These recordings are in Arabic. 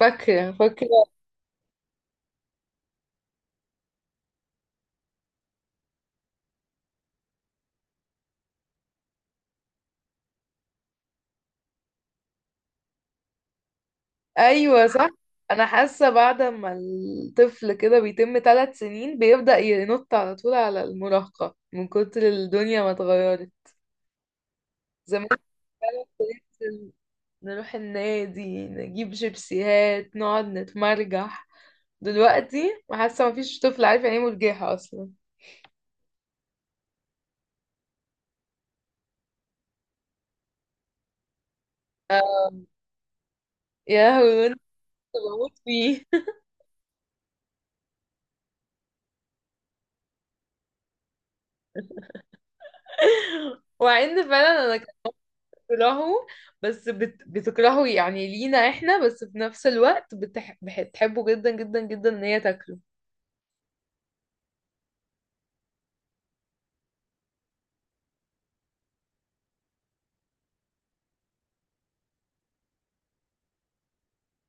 فاكرة. أيوة، صح. أنا حاسة بعد ما الطفل كده بيتم 3 سنين بيبدأ ينط على طول على المراهقة من كتر الدنيا ما اتغيرت. زمان كنا نروح النادي، نجيب شيبسيهات، نقعد نتمرجح. دلوقتي حاسة مفيش طفل عارف يعني ايه مرجحة أصلا. آه، يا لهوي كنت بموت فيه. وعند فعلا. أنا بتكرهه، بس بتكرهه يعني لينا احنا، بس في نفس الوقت بتحبه جدا جدا جدا ان هي تاكله.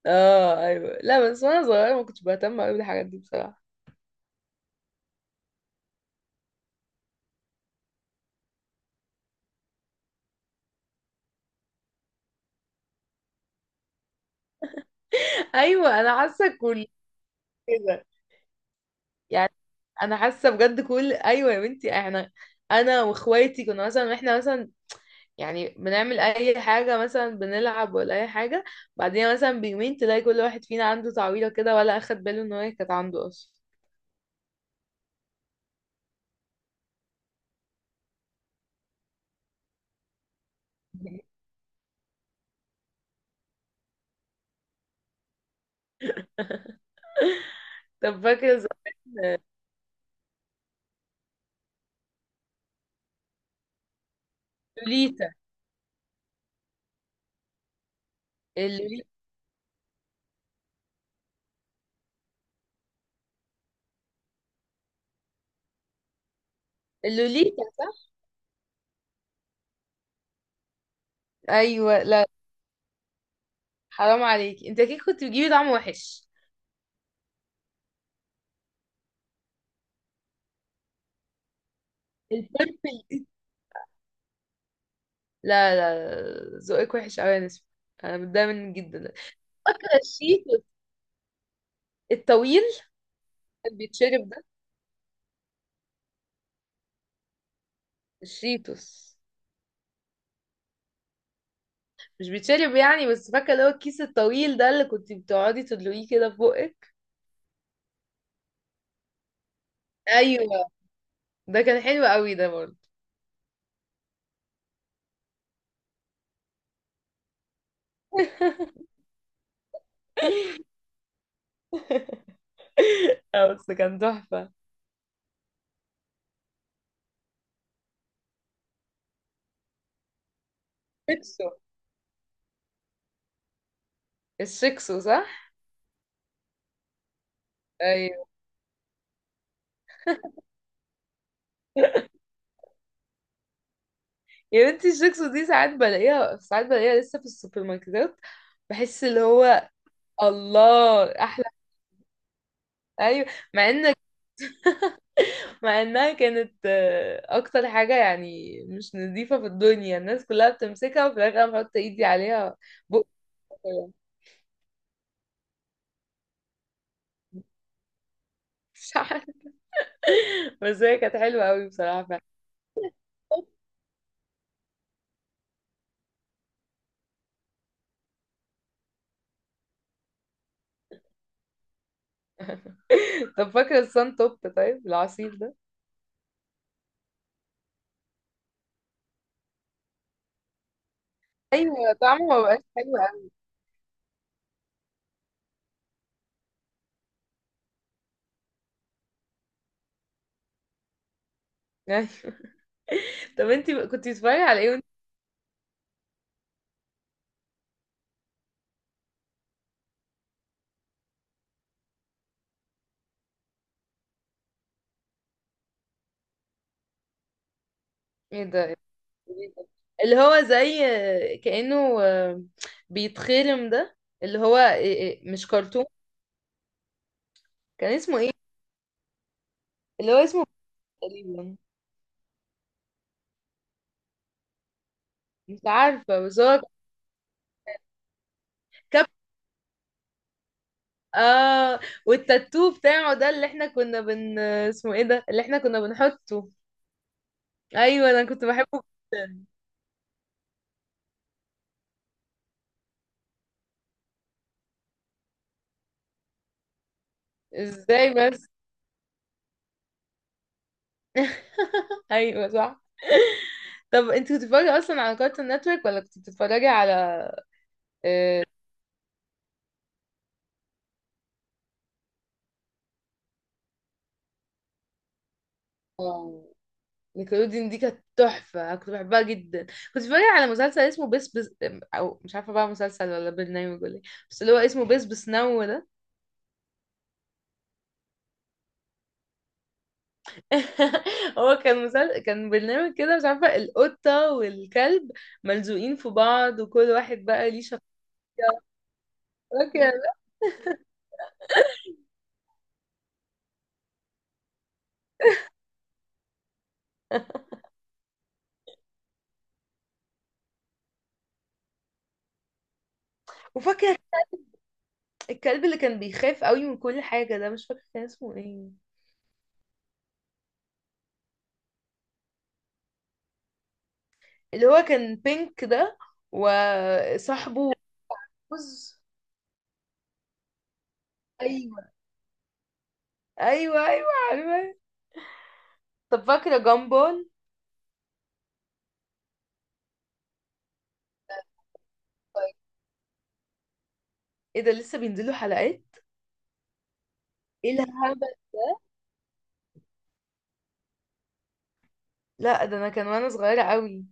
اه، ايوه، لا، بس وانا صغيره ما كنتش بهتم قوي بالحاجات دي بصراحه. ايوه، كده يعني انا حاسه بجد. كل ايوه يا بنتي، احنا انا واخواتي كنا مثلا، احنا مثلا يعني بنعمل اي حاجه، مثلا بنلعب ولا اي حاجه، بعدين مثلا بيومين تلاقي كل واحد فينا عنده تعويضه كده ولا اخد باله ان هي كانت عنده اصلا. طب فاكر لوليتا؟ اللوليتا. اللوليتا صح. ايوه لا، حرام عليك، انت كده كنت بتجيبي طعم وحش. البيربل دي؟ لا لا. لا، ذوقك وحش قوي يا نسمة، انا متضايقه منك جدا. الشيتوس الطويل، كان بيتشرب ده؟ الشيتوس مش بيتشرب يعني، بس فاكره اللي هو الكيس الطويل ده اللي كنت بتقعدي تدلقيه كده في بقك. ايوه، ده كان حلو قوي ده برضه. اه بس كان تحفه. الشكسو. الشكسو صح. ايوه يا بنتي، الشيبس دي ساعات بلاقيها، ساعات بلاقيها لسه في السوبر ماركتات. بحس اللي هو الله احلى. ايوه، مع ان مع انها كانت اكتر حاجه يعني مش نظيفه في الدنيا، الناس كلها بتمسكها وفي الاخر انا بحط ايدي عليها، بق كده. مش عارفة. بس هي كانت حلوه قوي بصراحه فعلا. طب فاكره الصن توب؟ طيب العصير ده؟ ايوه، طعمه ما بقاش حلو قوي. ايوه. طب انتي كنتي بتتفرجي على ايه وانت؟ ايه ده؟ اللي هو زي كأنه بيتخرم ده، اللي هو إيه، إيه، مش كرتون. كان اسمه ايه؟ اللي هو اسمه تقريبا، مش عارفة، بس هو كاب. اه، والتاتو بتاعه ده، اللي احنا كنا بن اسمه ايه ده اللي احنا كنا بنحطه. ايوه، انا كنت بحبه جدا. ازاي بس. ايوه صح. طب انت كنت بتتفرجي اصلا على كارتون نتورك ولا كنت بتتفرجي على؟ آه، نيكلوديان دي كانت تحفة، أنا كنت بحبها جدا. كنت بتفرج على مسلسل اسمه بس بس، أو مش عارفة بقى مسلسل ولا برنامج ولا ايه، بس اللي هو اسمه بس بس نو ده. هو كان مسلسل، كان برنامج كده، مش عارفة. القطة والكلب ملزوقين في بعض وكل واحد بقى ليه شخصية كده. وفاكرة الكلب اللي كان بيخاف قوي من كل حاجة ده، مش فاكرة كان اسمه ايه. اللي هو كان بينك ده وصاحبه بوز. ايوه، ايوه، ايوه، عارفة. طب فاكرة جامبول؟ ايه ده لسه بينزلوا حلقات؟ ايه الهبل! لا ده انا كان وانا صغيرة قوي.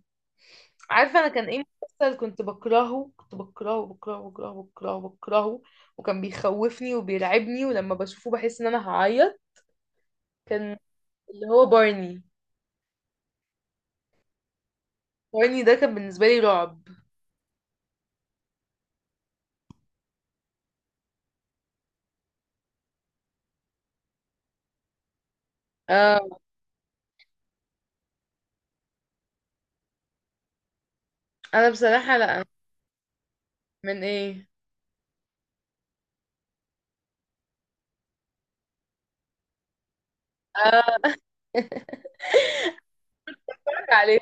عارفة انا كان ايه مسلسل كنت بكرهه؟ كنت بكرهه، بكرهه، بكرهه، بكرهه، بكرهه، وكان بيخوفني وبيرعبني، ولما بشوفه بحس ان انا هعيط. كان اللي هو بارني. بارني ده كان بالنسبة لي رعب. اه. انا بصراحة لا. من ايه؟ اه. اتفرج عليه.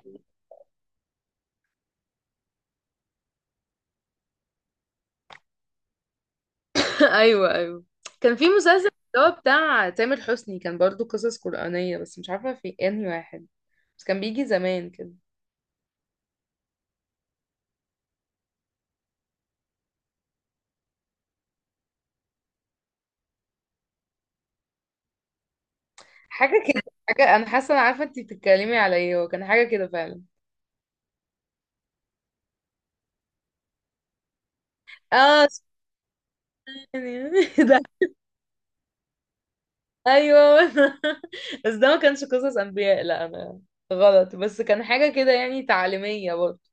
ايوه ايوه. كان في مسلسل اللي هو بتاع تامر حسني، كان برضو قصص قرآنية، بس مش عارفة في انهي واحد، بس كان بيجي زمان كده. حاجة كده، حاجة. أنا حاسة أنا عارفة أنتي بتتكلمي على إيه، هو كان حاجة كده فعلا. آه، ثانية. ده؟ أيوه. بس ده ما كانش قصص أنبياء، لا أنا غلط، بس كان حاجة كده يعني تعليمية برضه.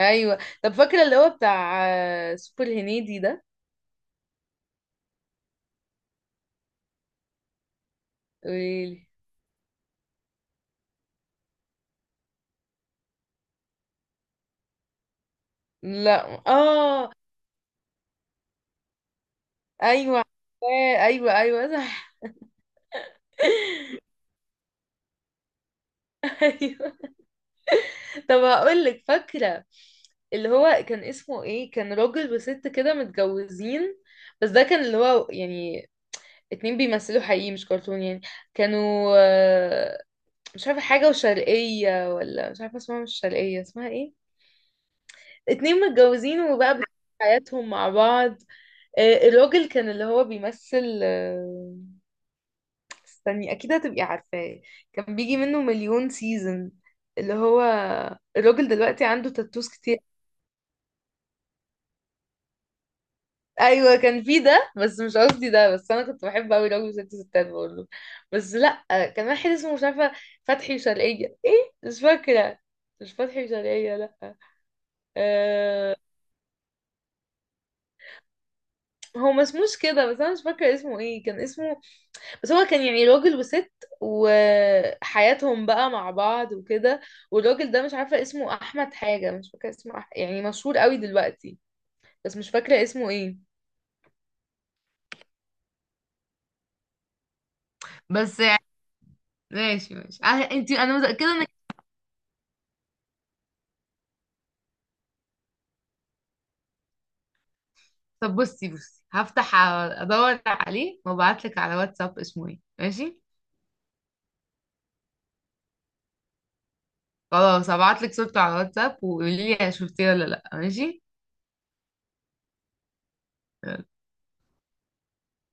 أيوه. طب فاكرة اللي هو بتاع سوبر هنيدي ده؟ قوليلي. لا آه. أيوه عارفاه. أيوه أيوه صح. أيوه. طب هقولك فاكرة اللي هو كان اسمه ايه، كان راجل وست كده متجوزين، بس ده كان اللي هو يعني اتنين بيمثلوا حقيقي مش كرتون يعني. كانوا مش عارفة حاجة وشرقية ولا مش عارفة اسمها، مش شرقية اسمها ايه. اتنين متجوزين وبقى بيعيشوا حياتهم مع بعض. الراجل كان اللي هو بيمثل استني اكيد هتبقي عارفاه. كان بيجي منه مليون سيزون. اللي هو الراجل دلوقتي عنده تاتوز كتير. ايوه كان في ده، بس مش قصدي ده، بس انا كنت بحب قوي راجل وست ستات، بقول له، بس لا، كان واحد اسمه مش عارفه فتحي وشرقيه، ايه مش فاكره. مش فتحي وشرقيه، لا. أه، هو ما اسموش كده، بس انا مش فاكره اسمه ايه، كان اسمه، بس هو كان يعني راجل وست، وحياتهم بقى مع بعض وكده. والراجل ده مش عارفه اسمه احمد حاجه، مش فاكره اسمه يعني مشهور قوي دلوقتي، بس مش فاكره اسمه ايه. بس يعني ماشي ماشي، انت انا متاكده ان. طب بصي بصي، هفتح ادور عليه وابعتلك على واتساب اسمه ايه، ماشي. خلاص هبعتلك صورته على واتساب وقولي لي شفتيه ولا لا، ماشي. يلا،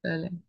سلام.